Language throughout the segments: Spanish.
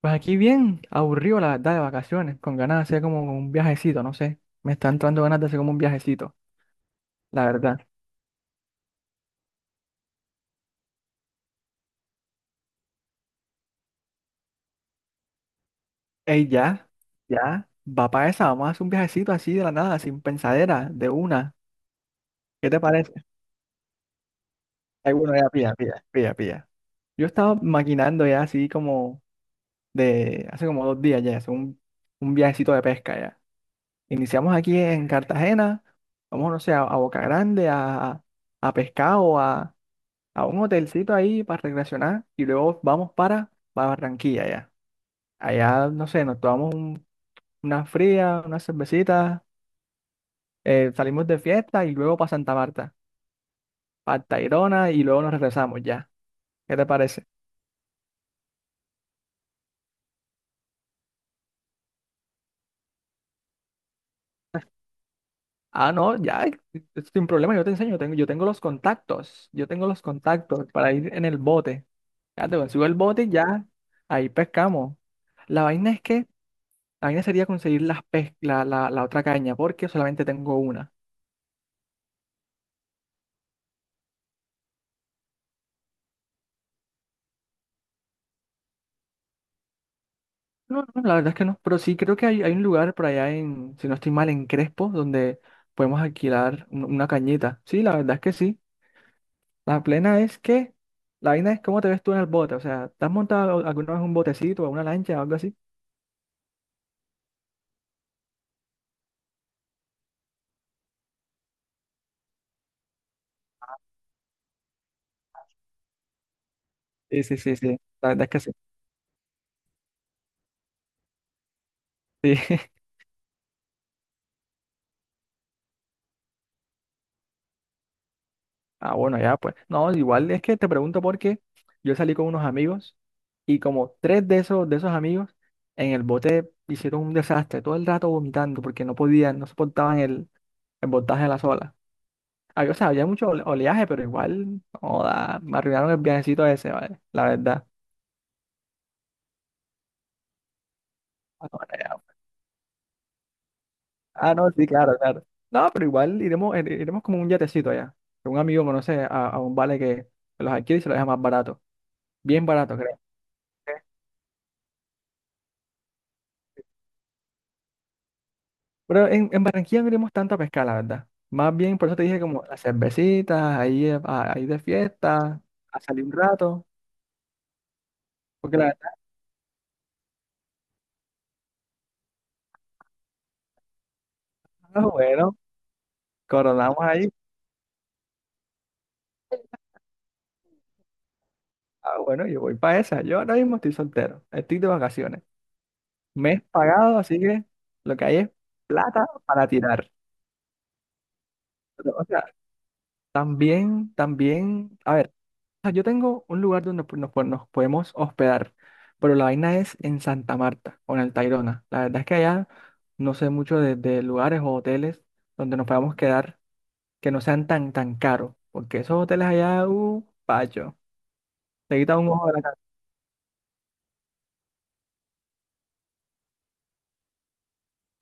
Pues aquí bien, aburrido la verdad, de vacaciones, con ganas de hacer como un viajecito, no sé. Me está entrando ganas de hacer como un viajecito, la verdad. Ey, ya, ya, va para esa, vamos a hacer un viajecito así de la nada, sin pensadera, de una. ¿Qué te parece? Ay, bueno, ya, pilla, pilla, pilla, pilla. Yo estaba maquinando ya así como de hace como 2 días ya, hacer un viajecito de pesca ya. Iniciamos aquí en Cartagena, vamos, no sé, a Boca Grande, a pescar o a un hotelcito ahí para recreacionar y luego vamos para Barranquilla ya. Allá, no sé, nos tomamos una fría, una cervecita, salimos de fiesta y luego para Santa Marta, para Tayrona y luego nos regresamos ya. ¿Qué te parece? Ah, no, ya, sin problema, yo te enseño, yo tengo los contactos, yo tengo los contactos para ir en el bote. Ya te consigo el bote y ya, ahí pescamos. La vaina es que, la vaina sería conseguir la, la otra caña, porque solamente tengo una. No, no, la verdad es que no, pero sí creo que hay un lugar por allá en, si no estoy mal, en Crespo, donde podemos alquilar una cañita. Sí, la verdad es que sí. La plena es que, la vaina es cómo te ves tú en el bote, o sea, ¿te has montado alguna vez un botecito o una lancha o algo así? Sí, sí, sí, sí, la verdad es que sí. Sí. Ah, bueno, ya pues. No, igual es que te pregunto porque yo salí con unos amigos y como tres de esos amigos en el bote hicieron un desastre, todo el rato vomitando porque no podían, no soportaban el voltaje de la sola. O sea, había mucho oleaje, pero igual, joda, me arruinaron el viajecito ese, ¿vale? La verdad. Ahora ya. Ah, no, sí, claro, claro. No, pero igual iremos, iremos como un yatecito allá. Que un amigo conoce a un vale que los adquiere y se los deja más barato. Bien barato, creo. Pero en Barranquilla no iremos tanto a pescar, la verdad. Más bien, por eso te dije como las cervecitas, ahí, ahí de fiesta, a salir un rato. Porque la verdad, ah, bueno, coronamos ahí. Ah, bueno, yo voy para esa. Yo ahora mismo estoy soltero, estoy de vacaciones. Mes pagado, así que lo que hay es plata para tirar. Pero, o sea, también, también, a ver, o sea, yo tengo un lugar donde pues, nos podemos hospedar, pero la vaina es en Santa Marta o en el Tayrona. La verdad es que allá no sé mucho de lugares o hoteles donde nos podamos quedar que no sean tan, tan caros, porque esos hoteles allá, pacho, te quitan un ojo de la cara.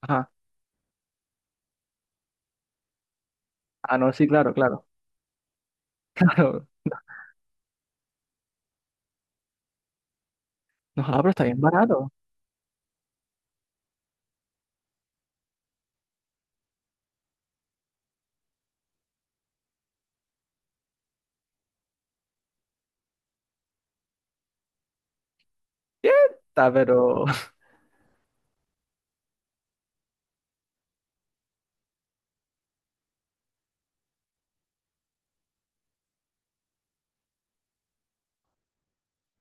Ajá, ah, no, sí, claro, claro, claro. No, ah, pero está bien barato. Quieta, pero...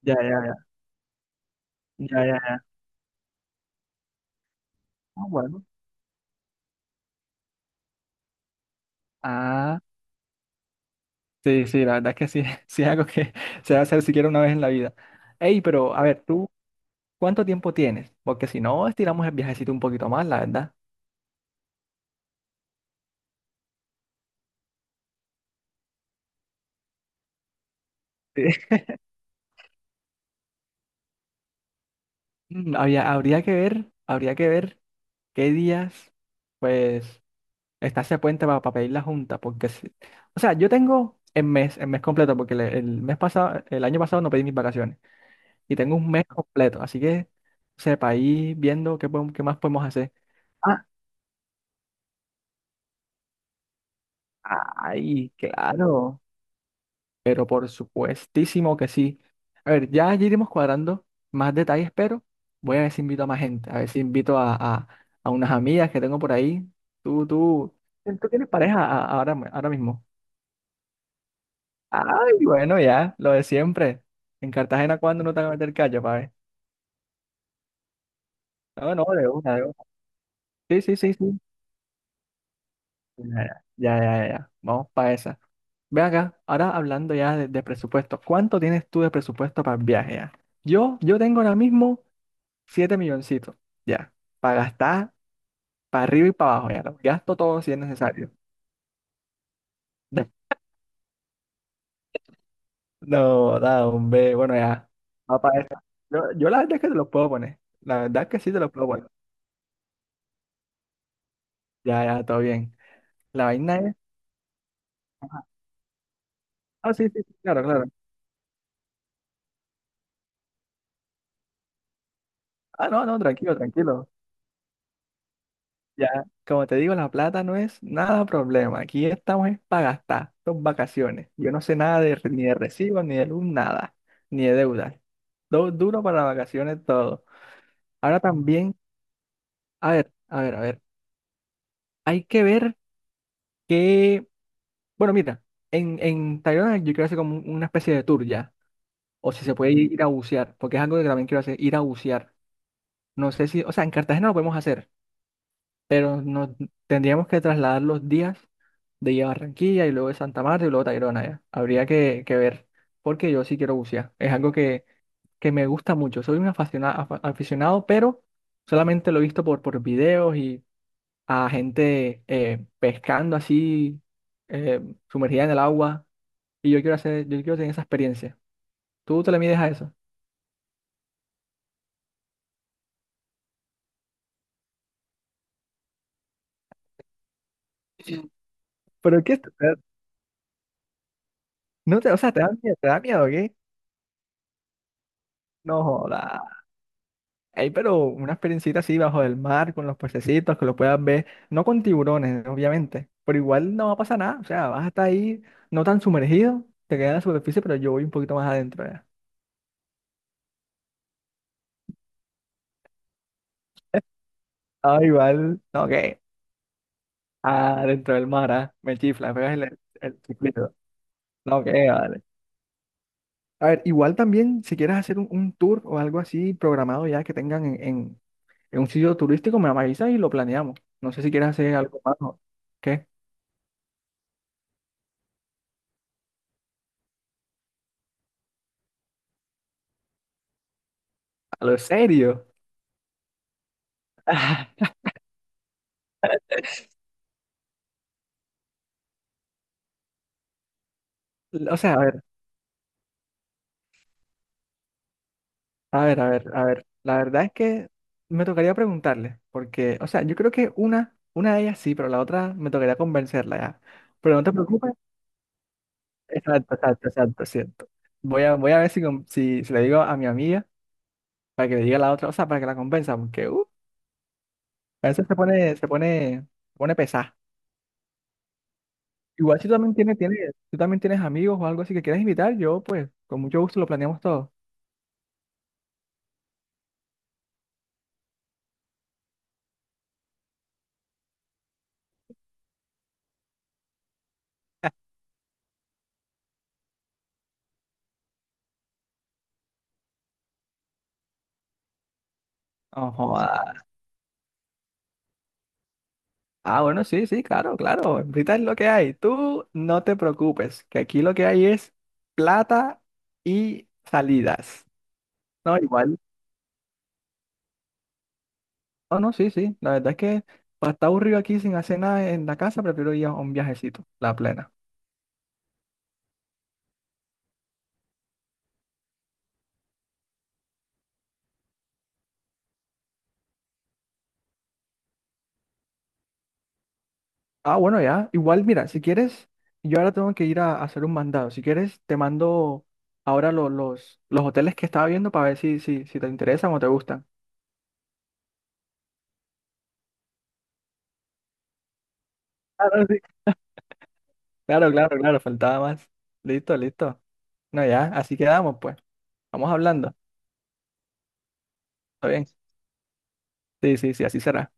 Ya, ya, ya, ya, ya, ya. Ah, bueno. Ah, sí, sí, la verdad es que sí, sí, es algo que se va a hacer siquiera una vez en la vida. Ey, pero a ver, ¿tú cuánto tiempo tienes? Porque si no, estiramos el viajecito un poquito más, la verdad. Sí. Mm, habría, habría que ver qué días, pues, está ese puente para pedir la junta, porque, o sea, yo tengo el mes completo, porque el mes pasado, el año pasado no pedí mis vacaciones, y tengo un mes completo, así que, sepa, ahí viendo qué podemos, qué más podemos hacer. Ah, ay, claro. Pero por supuestísimo que sí. A ver, ya allí iremos cuadrando más detalles, pero voy a ver si invito a más gente. A ver si invito a, a unas amigas que tengo por ahí. Tú, tú, Tú tienes pareja ahora, ahora mismo. Ay, bueno, ya, lo de siempre. En Cartagena, ¿cuándo no te van a meter callo, pa' ver? No, no, de una, de una. Sí, sí, sí, sí. Ya, ya, ya, ya, ya, Vamos para esa. Ve acá, ahora hablando ya de presupuesto. ¿Cuánto tienes tú de presupuesto para el viaje ya? Yo tengo ahora mismo. 7 milloncitos, ya. Para gastar, para arriba y para abajo, ya. Lo gasto todo si es necesario. No, da, hombre. Bueno, ya. Va para esta. Yo la verdad es que te los puedo poner. La verdad es que sí te los puedo poner. Ya, ya, todo bien. La vaina es. Ah, sí, sí, sí, claro, claro. Ah, no, no, tranquilo, tranquilo. Ya. Como te digo, la plata no es nada problema. Aquí estamos es para gastar. Son vacaciones. Yo no sé nada de, ni de recibos, ni de luz, nada. Ni de deuda. Duro para las vacaciones todo. Ahora también. A ver, a ver, a ver. Hay que ver que, bueno, mira, en Tayrona yo quiero hacer como una especie de tour ya, o si se puede ir a bucear, porque es algo que también quiero hacer, ir a bucear. No sé si, o sea, en Cartagena lo podemos hacer, pero nos tendríamos que trasladar los días de ir a Barranquilla y luego de Santa Marta y luego Tayrona ya. Habría que ver, porque yo sí quiero bucear. Es algo que me gusta mucho. Soy un aficionado aficionado, pero solamente lo he visto por videos y a gente pescando así, eh, sumergida en el agua. Y yo quiero hacer, yo quiero tener esa experiencia. ¿Tú te le mides a eso? Sí. ¿Pero qué? No te, o sea, te da miedo, ¿o qué? No joda. Ey, pero una experiencita así bajo el mar, con los pececitos, que lo puedas ver, no con tiburones, obviamente, pero igual no va a pasar nada, o sea, vas a estar ahí no tan sumergido, te quedas en la superficie, pero yo voy un poquito más adentro ya. Ah, igual, no, ¿qué? Adentro del mar, ah, me chifla, me pegas el chiflido. No, que vale. A ver, igual también, si quieres hacer un tour o algo así programado ya que tengan en, en un sitio turístico, me avisas y lo planeamos. No sé si quieres hacer algo más, ¿no? ¿Qué? ¿A lo serio? O sea, a ver, a ver, a ver, a ver. La verdad es que me tocaría preguntarle, porque, o sea, yo creo que una de ellas sí, pero la otra me tocaría convencerla ya. Pero no te preocupes. Exacto, exacto, exacto, cierto. Voy a, voy a ver si, si, si le digo a mi amiga para que le diga a la otra, o sea, para que la convenza, porque, a veces se pone, se pone, se pone pesada. Igual si tú también tienes, tienes, tú también tienes amigos o algo así que quieras invitar, yo pues con mucho gusto lo planeamos todo. No joda. Ah, bueno, sí, sí, claro, claro. Ahorita es lo que hay. Tú no te preocupes, que aquí lo que hay es plata y salidas. No, igual. No, no, sí, sí. La verdad es que para estar aburrido aquí sin hacer nada en la casa, prefiero ir a un viajecito, la plena. Ah, bueno, ya. Igual, mira, si quieres, yo ahora tengo que ir a hacer un mandado. Si quieres, te mando ahora los hoteles que estaba viendo para ver si, si, si te interesan o te gustan. Claro, sí. Claro, claro, claro, faltaba más. Listo, listo. No, ya, así quedamos, pues. Vamos hablando. Está bien. Sí, sí, sí, así será.